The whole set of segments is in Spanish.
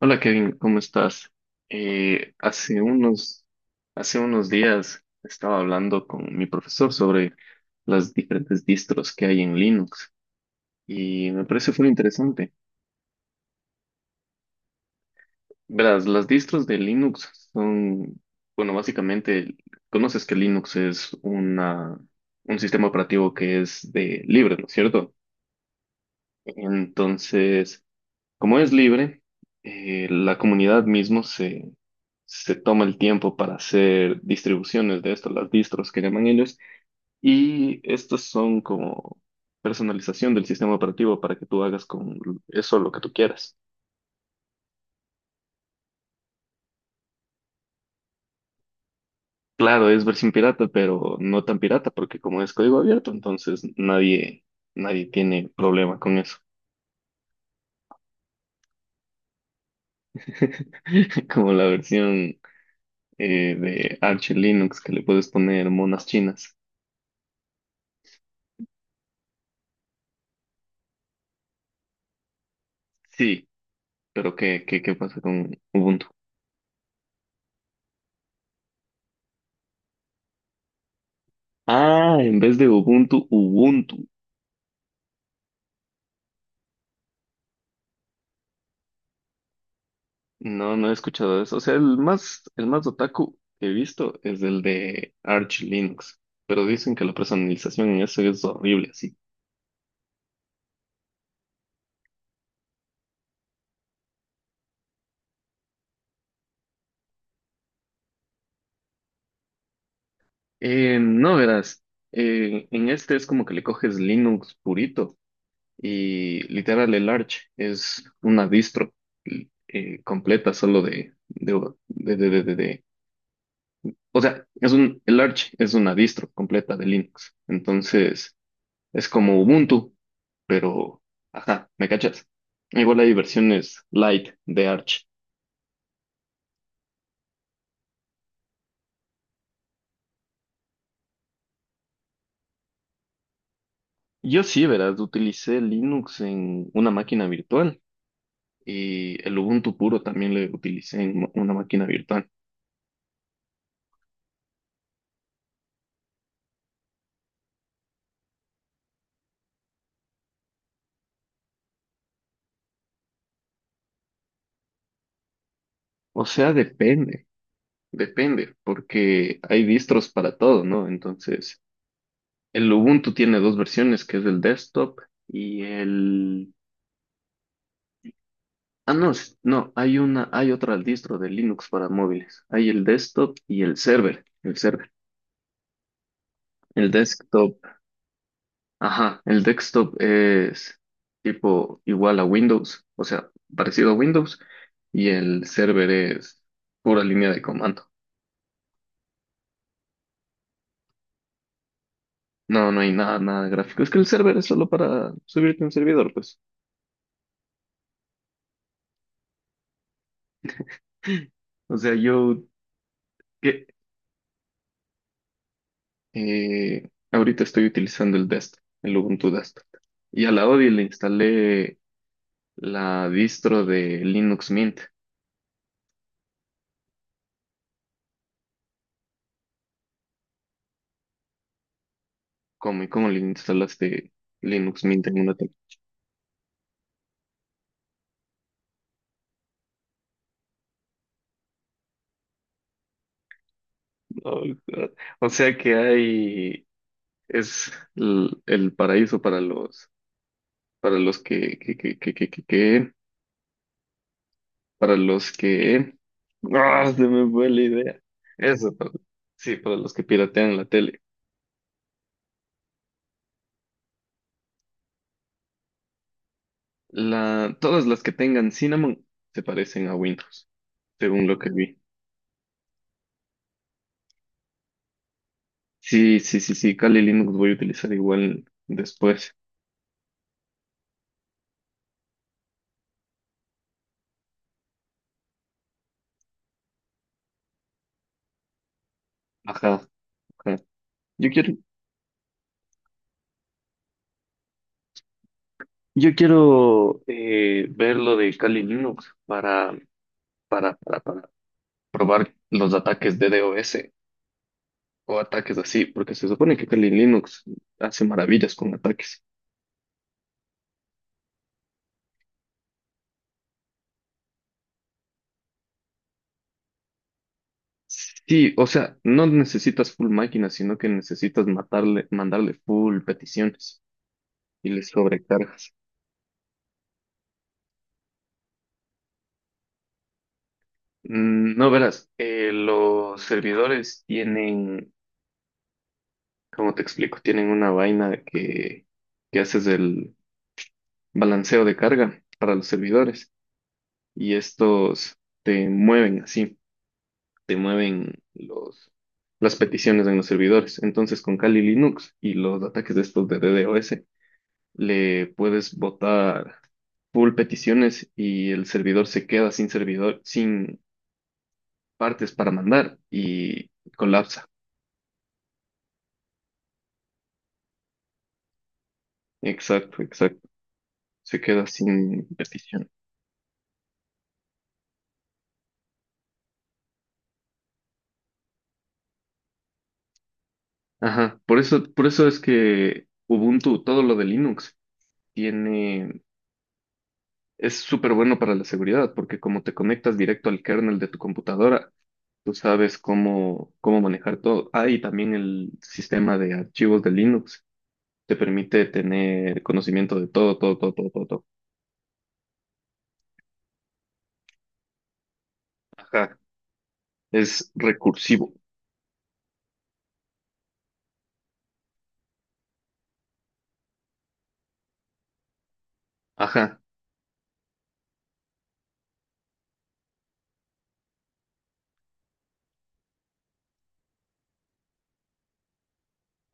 Hola Kevin, ¿cómo estás? Eh, hace unos, hace unos días estaba hablando con mi profesor sobre las diferentes distros que hay en Linux y me parece muy interesante. Verás, las distros de Linux son, bueno, básicamente, conoces que Linux es una, un sistema operativo que es de libre, ¿no es cierto? Entonces... Como es libre, la comunidad mismo se toma el tiempo para hacer distribuciones de esto, las distros que llaman ellos, y estos son como personalización del sistema operativo para que tú hagas con eso lo que tú quieras. Claro, es versión pirata, pero no tan pirata, porque como es código abierto, entonces nadie, nadie tiene problema con eso. Como la versión de Arch Linux que le puedes poner monas chinas. Sí, pero ¿ qué pasa con Ubuntu? Ah, en vez de Ubuntu, Ubuntu. No, no he escuchado eso. O sea, el más otaku que he visto es el de Arch Linux. Pero dicen que la personalización en eso es horrible, así. No, verás. En este es como que le coges Linux purito. Y literal, el Arch es una distro completa solo de O sea, el Arch es una distro completa de Linux. Entonces, es como Ubuntu, pero, ajá, ¿me cachas? Igual hay versiones light de Arch. Yo sí, verás, utilicé Linux en una máquina virtual y el Ubuntu puro también lo utilicé en una máquina virtual. O sea, depende, depende, porque hay distros para todo, ¿no? Entonces, el Ubuntu tiene dos versiones, que es el desktop y el Ah, no, no, hay una, hay otra al distro de Linux para móviles. Hay el desktop y el server, el server. El desktop, ajá, el desktop es tipo igual a Windows, o sea, parecido a Windows, y el server es pura línea de comando. No, no hay nada, nada de gráfico. Es que el server es solo para subirte un servidor, pues. O sea, yo que ahorita estoy utilizando el desktop, el Ubuntu desktop. Y a la Odi le instalé la distro de Linux Mint. ¿Cómo y cómo le instalaste Linux Mint en una computadora? O sea que hay, es paraíso para los que, para los que, ¡ah! Se me fue la idea. Eso, para- sí, para los que piratean la tele. La, todas las que tengan Cinnamon se parecen a Windows, según lo que vi. Sí, sí, sí, sí, Kali Linux voy a utilizar igual después. Ajá. Ajá. Yo quiero, yo quiero ver lo de Kali Linux para probar los ataques de DOS o ataques así, porque se supone que Kali Linux hace maravillas con ataques. Sí, o sea, no necesitas full máquina, sino que necesitas matarle, mandarle full peticiones y les sobrecargas. Mm, no verás, los servidores tienen, ¿cómo te explico? Tienen una vaina que haces el balanceo de carga para los servidores y estos te mueven así, te mueven los, las peticiones en los servidores. Entonces, con Kali Linux y los ataques de estos de DDoS, le puedes botar full peticiones y el servidor se queda sin servidor, sin partes para mandar y colapsa. Exacto, exacto. Se queda sin petición. Ajá, por eso es que Ubuntu, todo lo de Linux, tiene Es súper bueno para la seguridad, porque como te conectas directo al kernel de tu computadora, tú sabes cómo, cómo manejar todo. Ah, y también el sistema de archivos de Linux te permite tener conocimiento de todo, todo, todo, todo, todo, todo. Ajá, es recursivo. Ajá,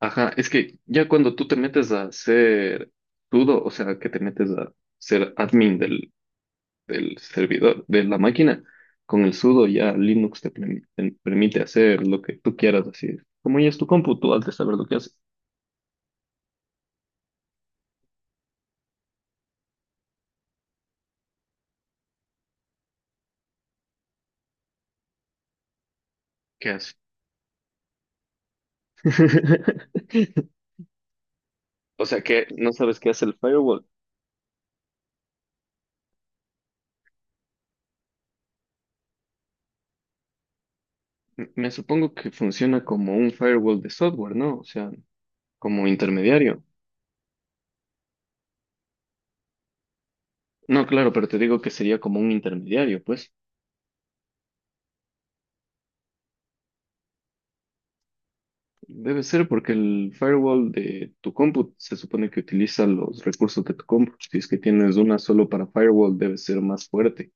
ajá. Es que ya cuando tú te metes a ser sudo, o sea, que te metes a ser admin del servidor, de la máquina, con el sudo ya Linux te permite hacer lo que tú quieras, así. Como ya es tu compu, tú has de saber lo que hace. ¿Qué hace? O sea que no sabes qué hace el firewall. Me supongo que funciona como un firewall de software, ¿no? O sea, como intermediario. No, claro, pero te digo que sería como un intermediario, pues. Debe ser porque el firewall de tu compu se supone que utiliza los recursos de tu compu. Si es que tienes una solo para firewall, debe ser más fuerte.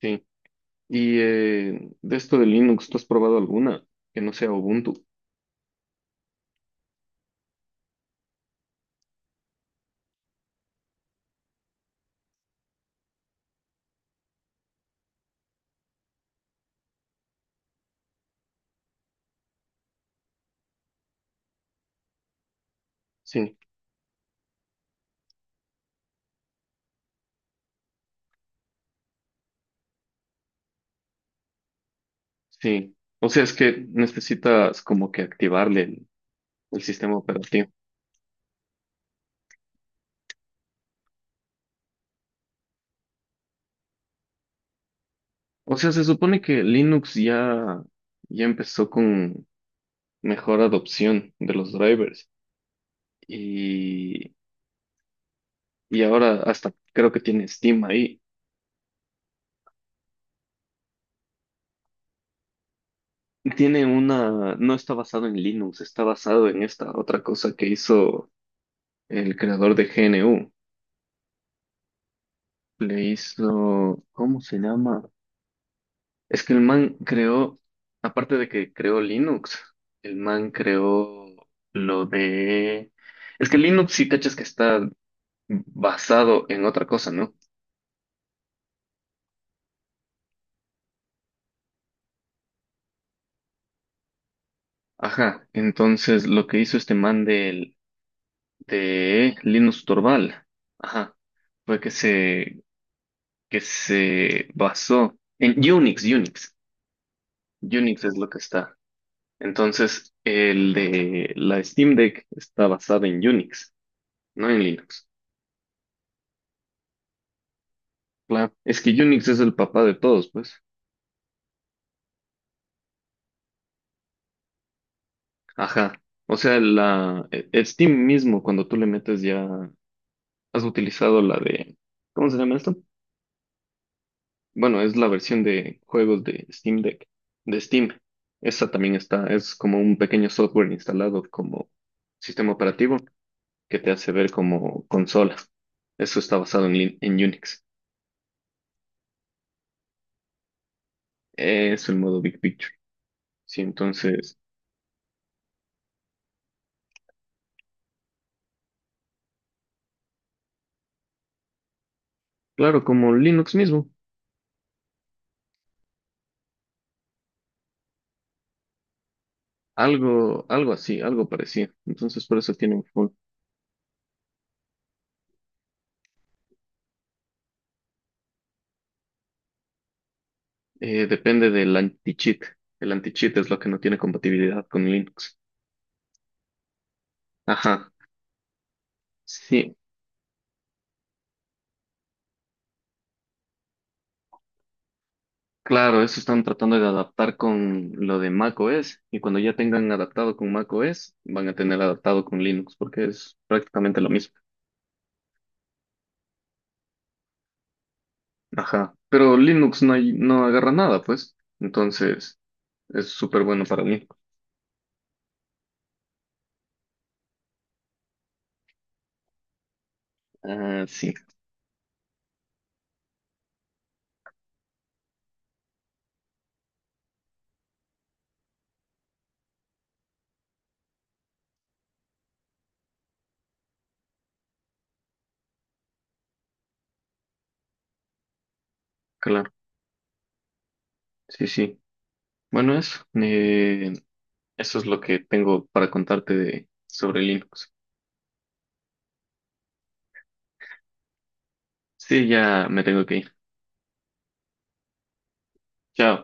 Sí. Y de esto de Linux, ¿tú has probado alguna que no sea Ubuntu? Sí, sí. O sea, es que necesitas como que activarle el sistema operativo. O sea, se supone que Linux ya, ya empezó con mejor adopción de los drivers y, y ahora hasta creo que tiene Steam ahí. Tiene una, no está basado en Linux, está basado en esta otra cosa que hizo el creador de GNU. Le hizo, ¿cómo se llama? Es que el man creó, aparte de que creó Linux, el man creó lo de... Es que Linux sí cachas que está basado en otra cosa, ¿no? Ajá, entonces lo que hizo este man del, de Linux Torvald, ajá, fue que que se basó en Unix, Unix. Unix es lo que está. Entonces, el de la Steam Deck está basada en Unix, no en Linux. Claro, es que Unix es el papá de todos, pues. Ajá. O sea, la Steam mismo, cuando tú le metes ya, has utilizado la de, ¿cómo se llama esto? Bueno, es la versión de juegos de Steam Deck, de Steam. Esa también está, es como un pequeño software instalado como sistema operativo que te hace ver como consola. Eso está basado en, en Unix. Es el modo Big Picture. Sí, entonces, claro, como Linux mismo. Algo, algo así, algo parecido. Entonces, por eso tiene un full. Depende del anti-cheat. El anti-cheat es lo que no tiene compatibilidad con Linux. Ajá. Sí, claro, eso están tratando de adaptar con lo de macOS. Y cuando ya tengan adaptado con macOS, van a tener adaptado con Linux, porque es prácticamente lo mismo. Ajá. Pero Linux no, no agarra nada, pues. Entonces, es súper bueno para mí. Ah, sí, claro. Sí, sí. Bueno, eso. Eso es lo que tengo para contarte de, sobre Linux. Sí, ya me tengo que ir. Chao.